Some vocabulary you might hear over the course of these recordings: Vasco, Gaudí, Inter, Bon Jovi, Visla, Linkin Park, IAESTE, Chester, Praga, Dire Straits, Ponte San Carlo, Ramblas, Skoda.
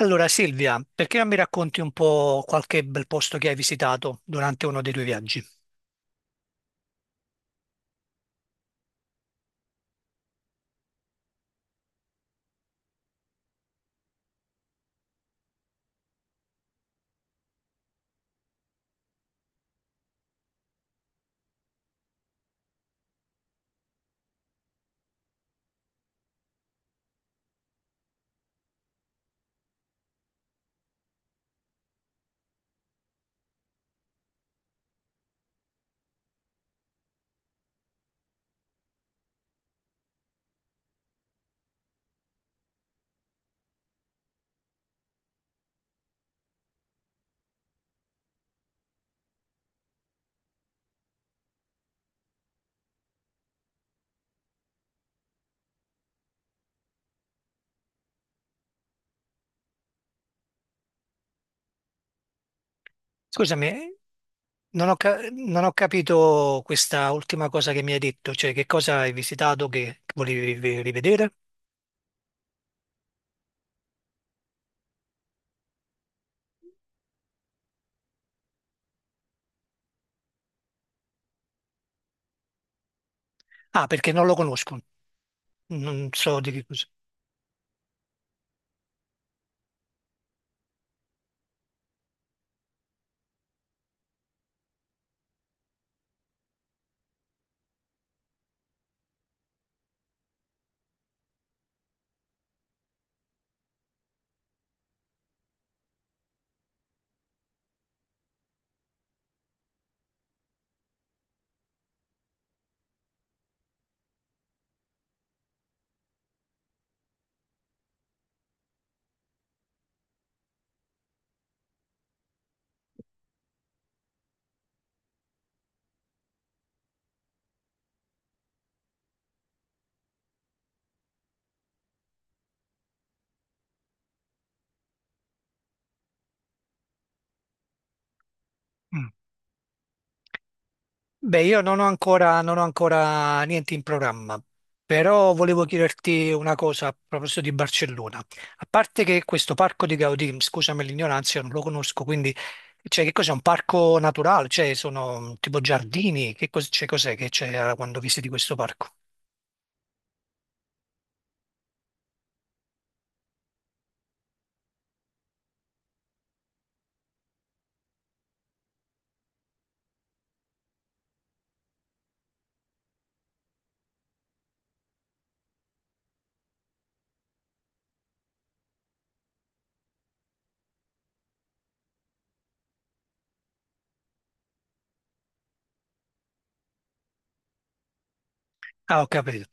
Allora Silvia, perché non mi racconti un po' qualche bel posto che hai visitato durante uno dei tuoi viaggi? Scusami, non ho capito questa ultima cosa che mi hai detto, cioè che cosa hai visitato che volevi rivedere? Ah, perché non lo conosco, non so di che cosa. Beh, io non ho ancora niente in programma, però volevo chiederti una cosa a proposito di Barcellona. A parte che questo parco di Gaudì, scusami l'ignoranza, io non lo conosco, quindi cioè, che cos'è? Un parco naturale? Cioè, sono tipo giardini? Cioè, cos'è che c'è quando visiti questo parco? Ah, ho capito.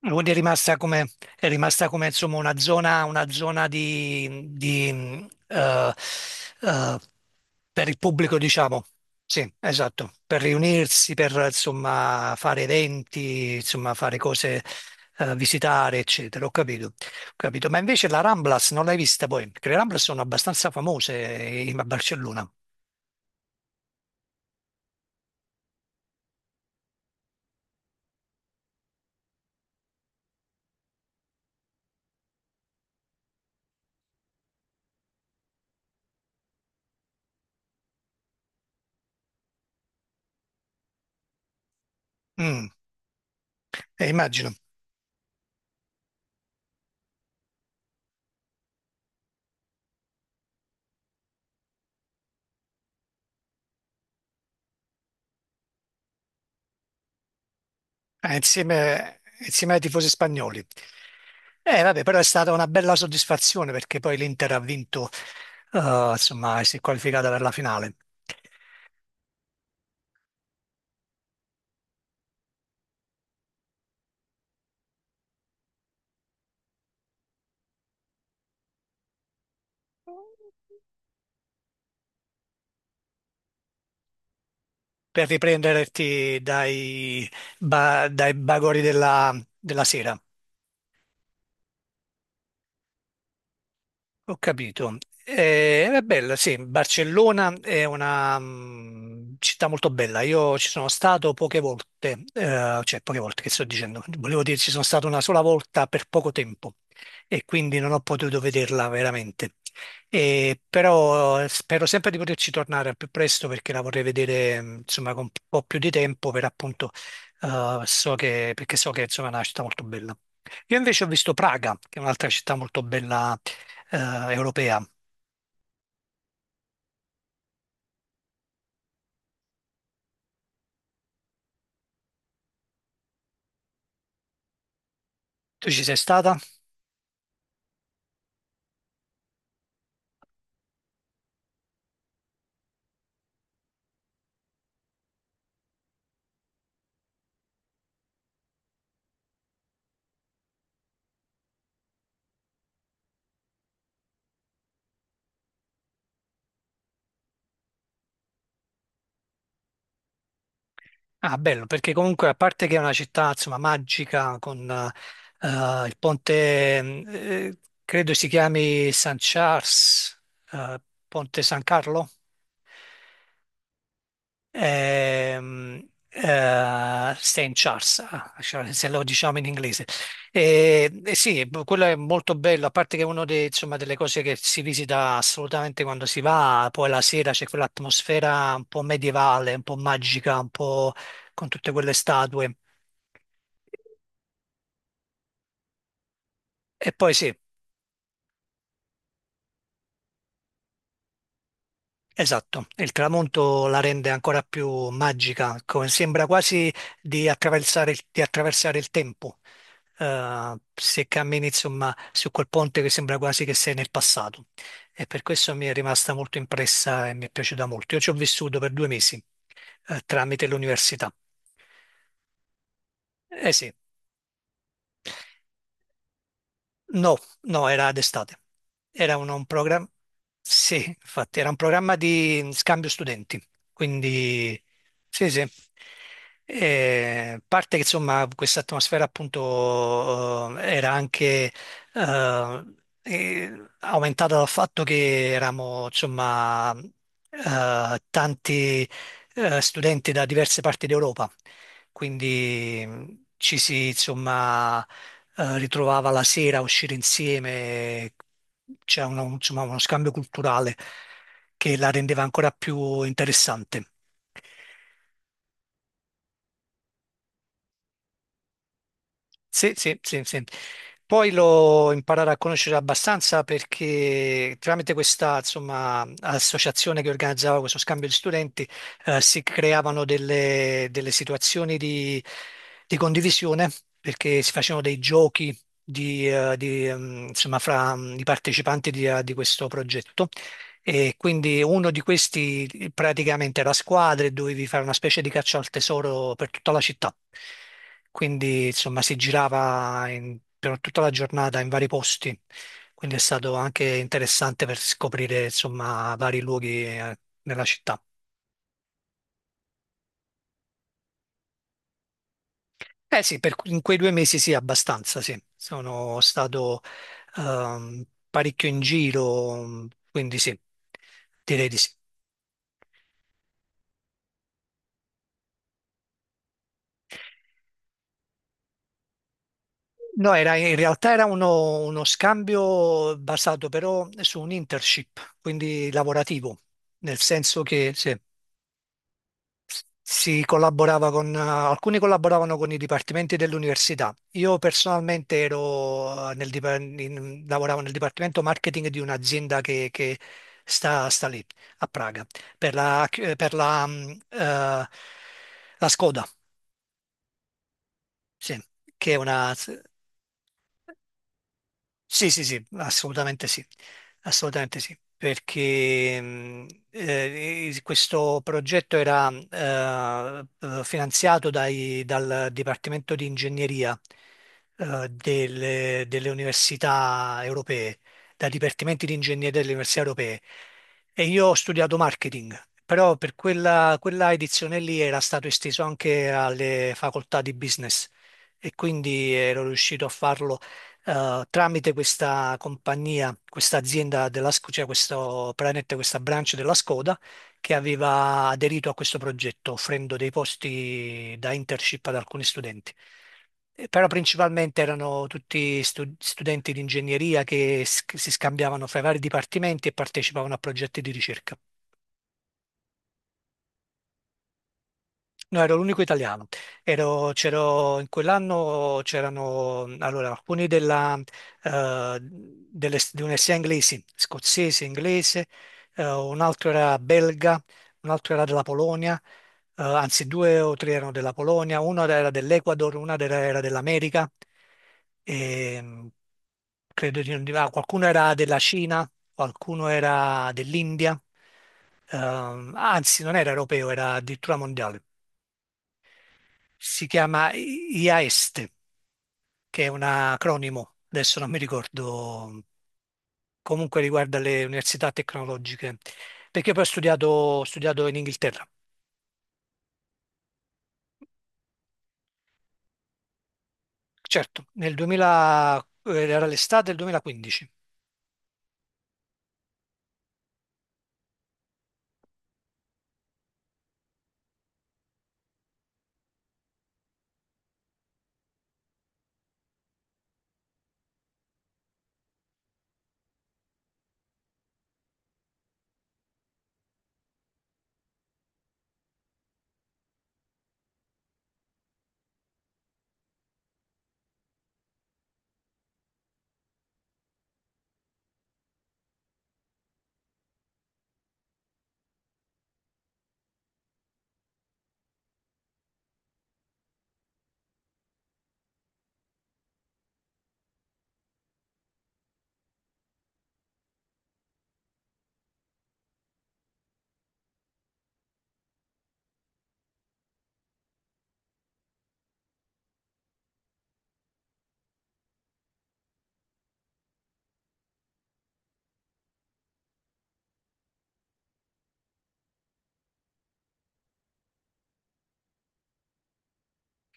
Quindi è rimasta come, insomma, una zona eh, per il pubblico, diciamo. Sì, esatto, per riunirsi, per insomma fare eventi, insomma fare cose, visitare, eccetera. Ho capito. Capito? Ma invece la Ramblas non l'hai vista poi? Perché le Ramblas sono abbastanza famose a Barcellona. Mm, immagino. Eh, insieme, ai tifosi spagnoli. Vabbè, però è stata una bella soddisfazione perché poi l'Inter ha vinto, insomma, si è qualificata per la finale. Per riprenderti dai bagori della sera. Ho capito. È bella, sì, Barcellona è una città molto bella. Io ci sono stato poche volte, cioè poche volte che sto dicendo, volevo dire ci sono stato una sola volta per poco tempo e quindi non ho potuto vederla veramente. E però spero sempre di poterci tornare al più presto perché la vorrei vedere insomma con un po' più di tempo per appunto perché so che insomma, è una città molto bella. Io invece ho visto Praga, che è un'altra città molto bella eh, europea. Tu ci sei stata? Ah, bello, perché comunque a parte che è una città, insomma, magica con il ponte, credo si chiami San Charles, eh, Ponte San Carlo. ehm, St. Charles, ah, cioè, se lo diciamo in inglese. E sì, quello è molto bello, a parte che è una delle cose che si visita assolutamente quando si va, poi la sera c'è quell'atmosfera un po' medievale, un po' magica, un po' con tutte quelle statue. E poi sì. Esatto, il tramonto la rende ancora più magica, sembra quasi di attraversare di attraversare il tempo. Se cammini insomma su quel ponte che sembra quasi che sei nel passato e per questo mi è rimasta molto impressa e mi è piaciuta molto. Io ci ho vissuto per 2 mesi tramite l'università. Eh sì. No, no, era d'estate. Era un programma, sì, infatti, era un programma di scambio studenti. Quindi, sì, sì. E, a parte che insomma questa atmosfera appunto era anche eh, aumentata dal fatto che eravamo insomma tanti studenti da diverse parti d'Europa, quindi ci si insomma ritrovava la sera a uscire insieme, c'è uno, insomma, uno scambio culturale che la rendeva ancora più interessante. Sì, sì, sì, sì. Poi lo imparare a conoscere abbastanza perché tramite questa, insomma, associazione che organizzava questo scambio di studenti, si creavano delle situazioni di condivisione perché si facevano dei giochi insomma, fra i partecipanti di questo progetto e quindi uno di questi praticamente era a squadre e dovevi fare una specie di caccia al tesoro per tutta la città. Quindi insomma si girava per tutta la giornata in vari posti. Quindi è stato anche interessante per scoprire insomma vari luoghi nella città. Eh sì, in quei 2 mesi sì, abbastanza sì. Sono stato ehm, parecchio in giro, quindi sì, direi di sì. No, in realtà era uno scambio basato però su un internship, quindi lavorativo, nel senso che sì, si collaborava alcuni collaboravano con i dipartimenti dell'università. Io personalmente ero nel, dipa- in- lavoravo nel dipartimento marketing di un'azienda che sta lì, a Praga, per la, per la, mm, eh, la Skoda, sì, che è una... Sì, sì, sì, assolutamente sì, assolutamente sì, perché questo progetto era finanziato dal Dipartimento di Ingegneria delle, università europee, dai dipartimenti di ingegneria delle università europee. E io ho studiato marketing, però per quella edizione lì era stato esteso anche alle facoltà di business e quindi ero riuscito a farlo tramite questa compagnia, questa azienda cioè questo, praticamente questa branch della Skoda che aveva aderito a questo progetto offrendo dei posti da internship ad alcuni studenti. Però principalmente erano tutti studenti di ingegneria che si scambiavano fra i vari dipartimenti e partecipavano a progetti di ricerca. No, ero l'unico italiano. In quell'anno c'erano allora, alcuni di una sia inglesi, scozzese, inglese, un altro era belga, un altro era della Polonia, anzi due o tre erano della Polonia, uno era dell'Ecuador, una era dell'America, e, credo ah, qualcuno era della Cina, qualcuno era dell'India, anzi non era europeo, era addirittura mondiale. Si chiama IAESTE, che è un acronimo, adesso non mi ricordo, comunque riguarda le università tecnologiche, perché poi ho studiato in Inghilterra, certo, nel 2000, era l'estate del 2015.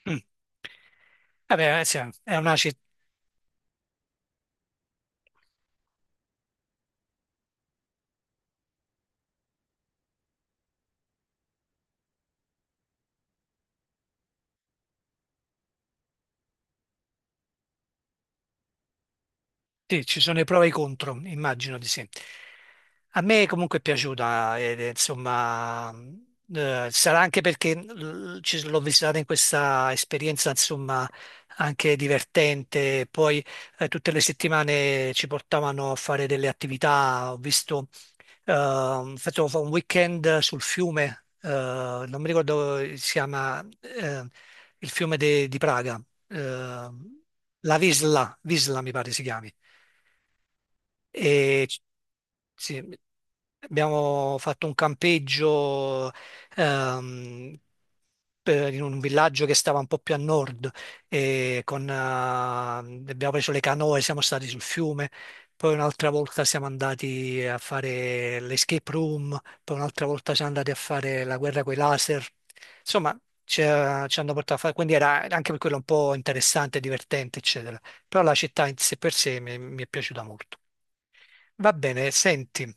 Mm, Vabbè, sì, è una, ci- Sì, ci sono i pro e i contro, immagino di sì. A me comunque è piaciuta, ed è, insomma, sarà anche perché l'ho visitata in questa esperienza, insomma, anche divertente. Poi tutte le settimane ci portavano a fare delle attività. Ho visto, facevo un weekend sul fiume, non mi ricordo come si chiama, il fiume di Praga, eh, la Visla, Visla mi pare si chiami. E sì, abbiamo fatto un campeggio ehm, in un villaggio che stava un po' più a nord e abbiamo preso le canoe, siamo stati sul fiume, poi un'altra volta siamo andati a fare l'escape room, poi un'altra volta siamo andati a fare la guerra coi laser. Insomma, ci hanno portato a fare, quindi era anche per quello un po' interessante, divertente, eccetera. Però la città in sé per sé mi è piaciuta molto. Va bene, senti,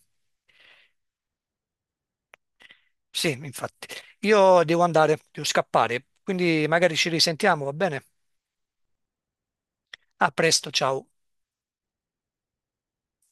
sì, infatti, io devo andare, devo scappare, quindi magari ci risentiamo, va bene? A presto, ciao.